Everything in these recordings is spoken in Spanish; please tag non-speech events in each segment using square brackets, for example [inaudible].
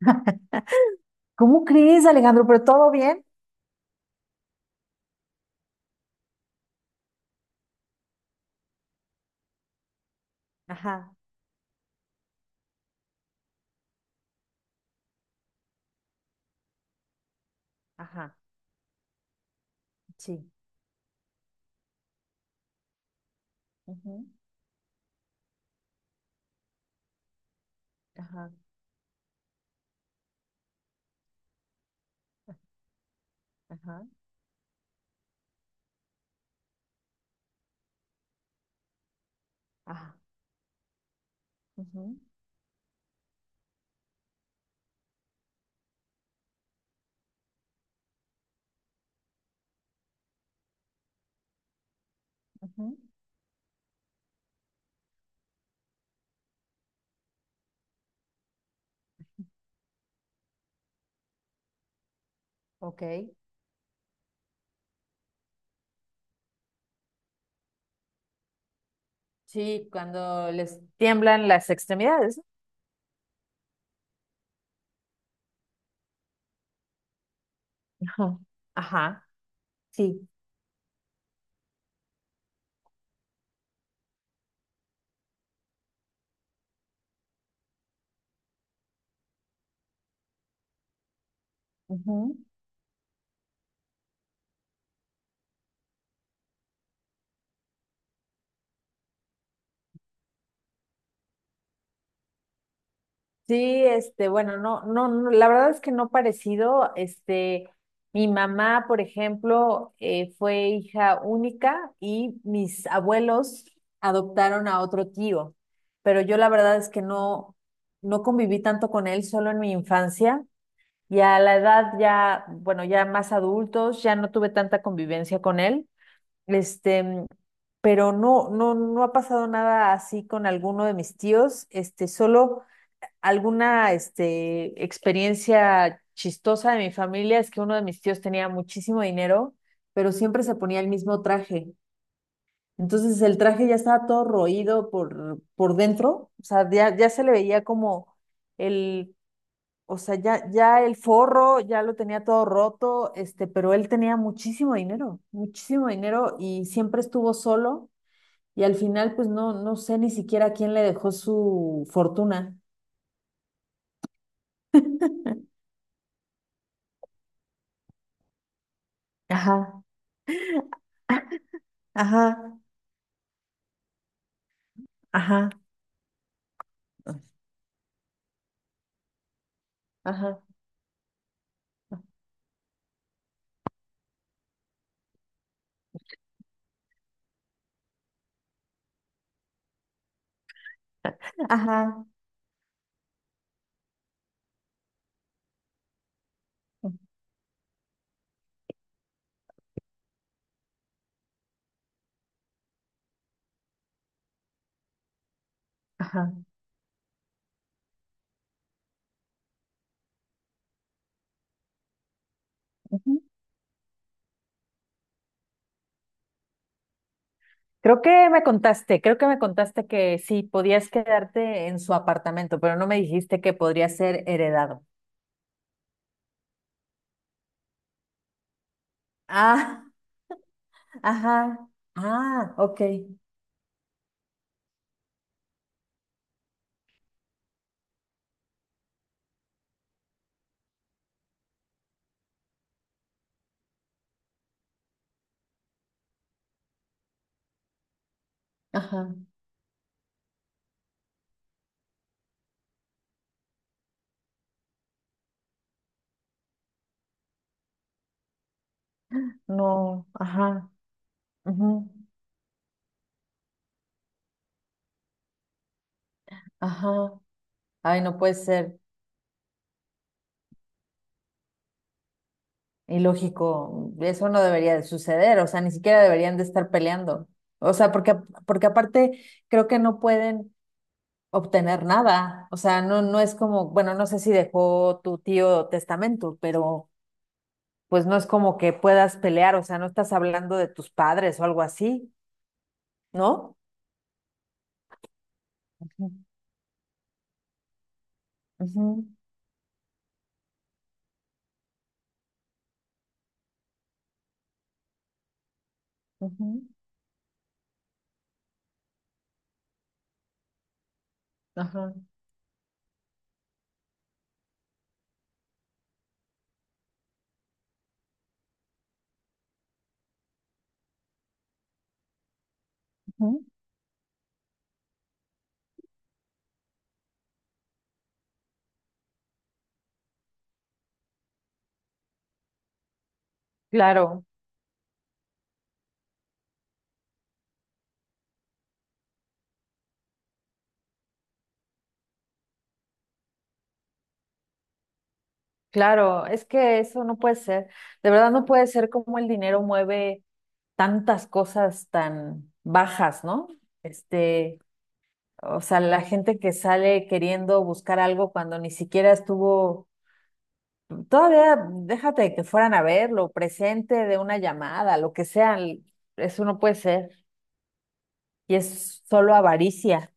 [laughs] ¿Cómo crees, Alejandro? ¿Pero todo bien? Ajá, ajá, sí. Ujú, ajá, ajá, ajá, ujú, ujú. Ok. Sí, cuando les tiemblan las extremidades. ¿No? Ajá, ajá, sí. Sí, bueno, no, la verdad es que no parecido. Mi mamá, por ejemplo, fue hija única y mis abuelos adoptaron a otro tío, pero yo la verdad es que no, no conviví tanto con él, solo en mi infancia. Y a la edad ya, bueno, ya más adultos, ya no tuve tanta convivencia con él. Este, pero no ha pasado nada así con alguno de mis tíos. Solo alguna experiencia chistosa de mi familia es que uno de mis tíos tenía muchísimo dinero, pero siempre se ponía el mismo traje. Entonces el traje ya estaba todo roído por dentro, o sea, ya se le veía como el, o sea, ya el forro, ya lo tenía todo roto, pero él tenía muchísimo dinero y siempre estuvo solo y al final pues no, no sé ni siquiera quién le dejó su fortuna. [laughs] Ajá. Ajá, ajá, ajá, ajá, ajá. Ujú. Creo que me contaste, creo que me contaste que sí, podías quedarte en su apartamento, pero no me dijiste que podría ser heredado. Ah, ajá, ah, ok, ajá, no, ajá, ujú, ajá, ay, no puede ser ilógico. Eso no debería de suceder. O sea, ni siquiera deberían de estar peleando. O sea, porque aparte creo que no pueden obtener nada. O sea, no, no es como, bueno, no sé si dejó tu tío testamento, pero pues no es como que puedas pelear, o sea, no estás hablando de tus padres o algo así, ¿no? Ujú, ujú, ujú, ajá. Ujú. Claro, claro, es que eso no puede ser, de verdad no puede ser como el dinero mueve tantas cosas tan bajas, ¿no? Este, o sea, la gente que sale queriendo buscar algo cuando ni siquiera estuvo. Todavía déjate que fueran a verlo, presente de una llamada, lo que sea, eso no puede ser. Y es solo avaricia.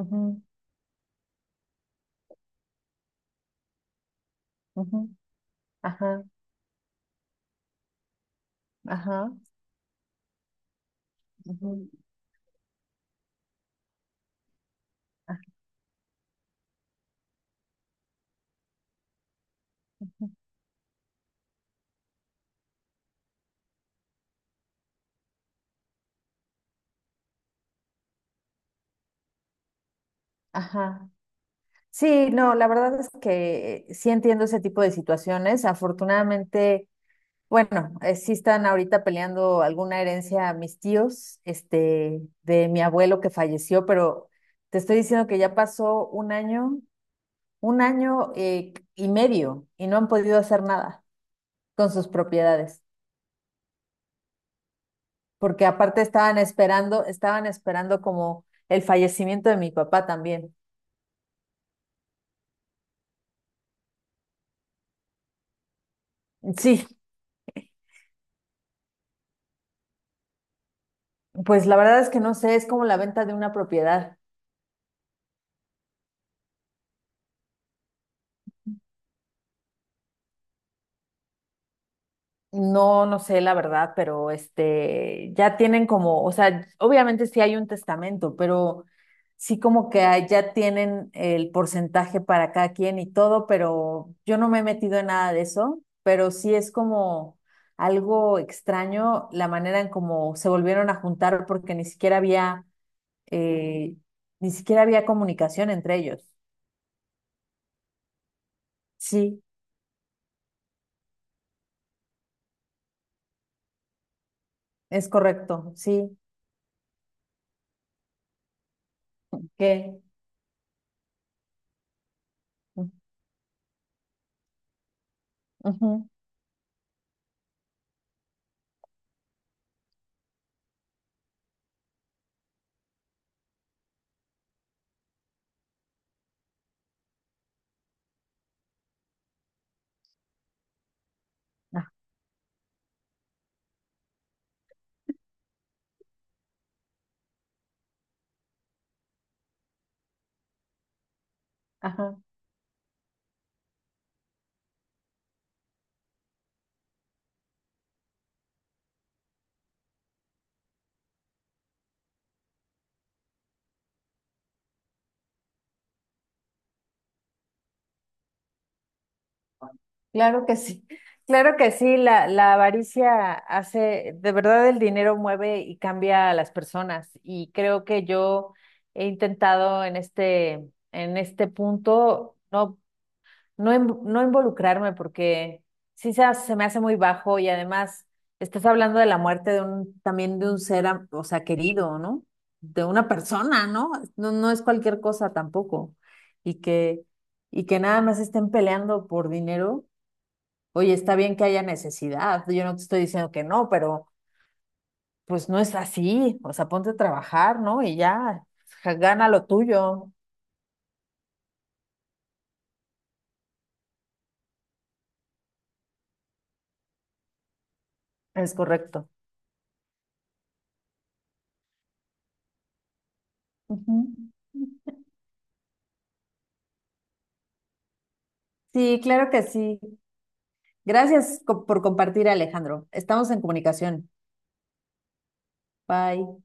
Ujú, ujú, ajá, ajá, ujú, ajá, ajá. Sí, no, la verdad es que sí entiendo ese tipo de situaciones. Afortunadamente, bueno, sí están ahorita peleando alguna herencia a mis tíos, de mi abuelo que falleció, pero te estoy diciendo que ya pasó un año y medio y no han podido hacer nada con sus propiedades, porque aparte estaban esperando como el fallecimiento de mi papá también. Sí, pues la verdad es que no sé, es como la venta de una propiedad. No, no sé la verdad, pero ya tienen como, o sea, obviamente sí hay un testamento, pero sí como que ya tienen el porcentaje para cada quien y todo, pero yo no me he metido en nada de eso, pero sí es como algo extraño la manera en cómo se volvieron a juntar porque ni siquiera había, eh, ni siquiera había comunicación entre ellos. Sí, es correcto, sí, que, ujú, ajá. Claro que sí, claro que sí, la avaricia hace, de verdad el dinero mueve y cambia a las personas y creo que yo he intentado en en este punto no involucrarme porque se me hace muy bajo y además estás hablando de la muerte de un, también de un o sea, querido, ¿no? De una persona, ¿no? No, no es cualquier cosa tampoco y que, y que nada más estén peleando por dinero. Oye, está bien que haya necesidad, yo no te estoy diciendo que no, pero pues no es así, o sea, ponte a trabajar, ¿no? Y ya, gana lo tuyo, es correcto. Ujú. Sí, claro que sí. Gracias por compartir, Alejandro. Estamos en comunicación. Bye.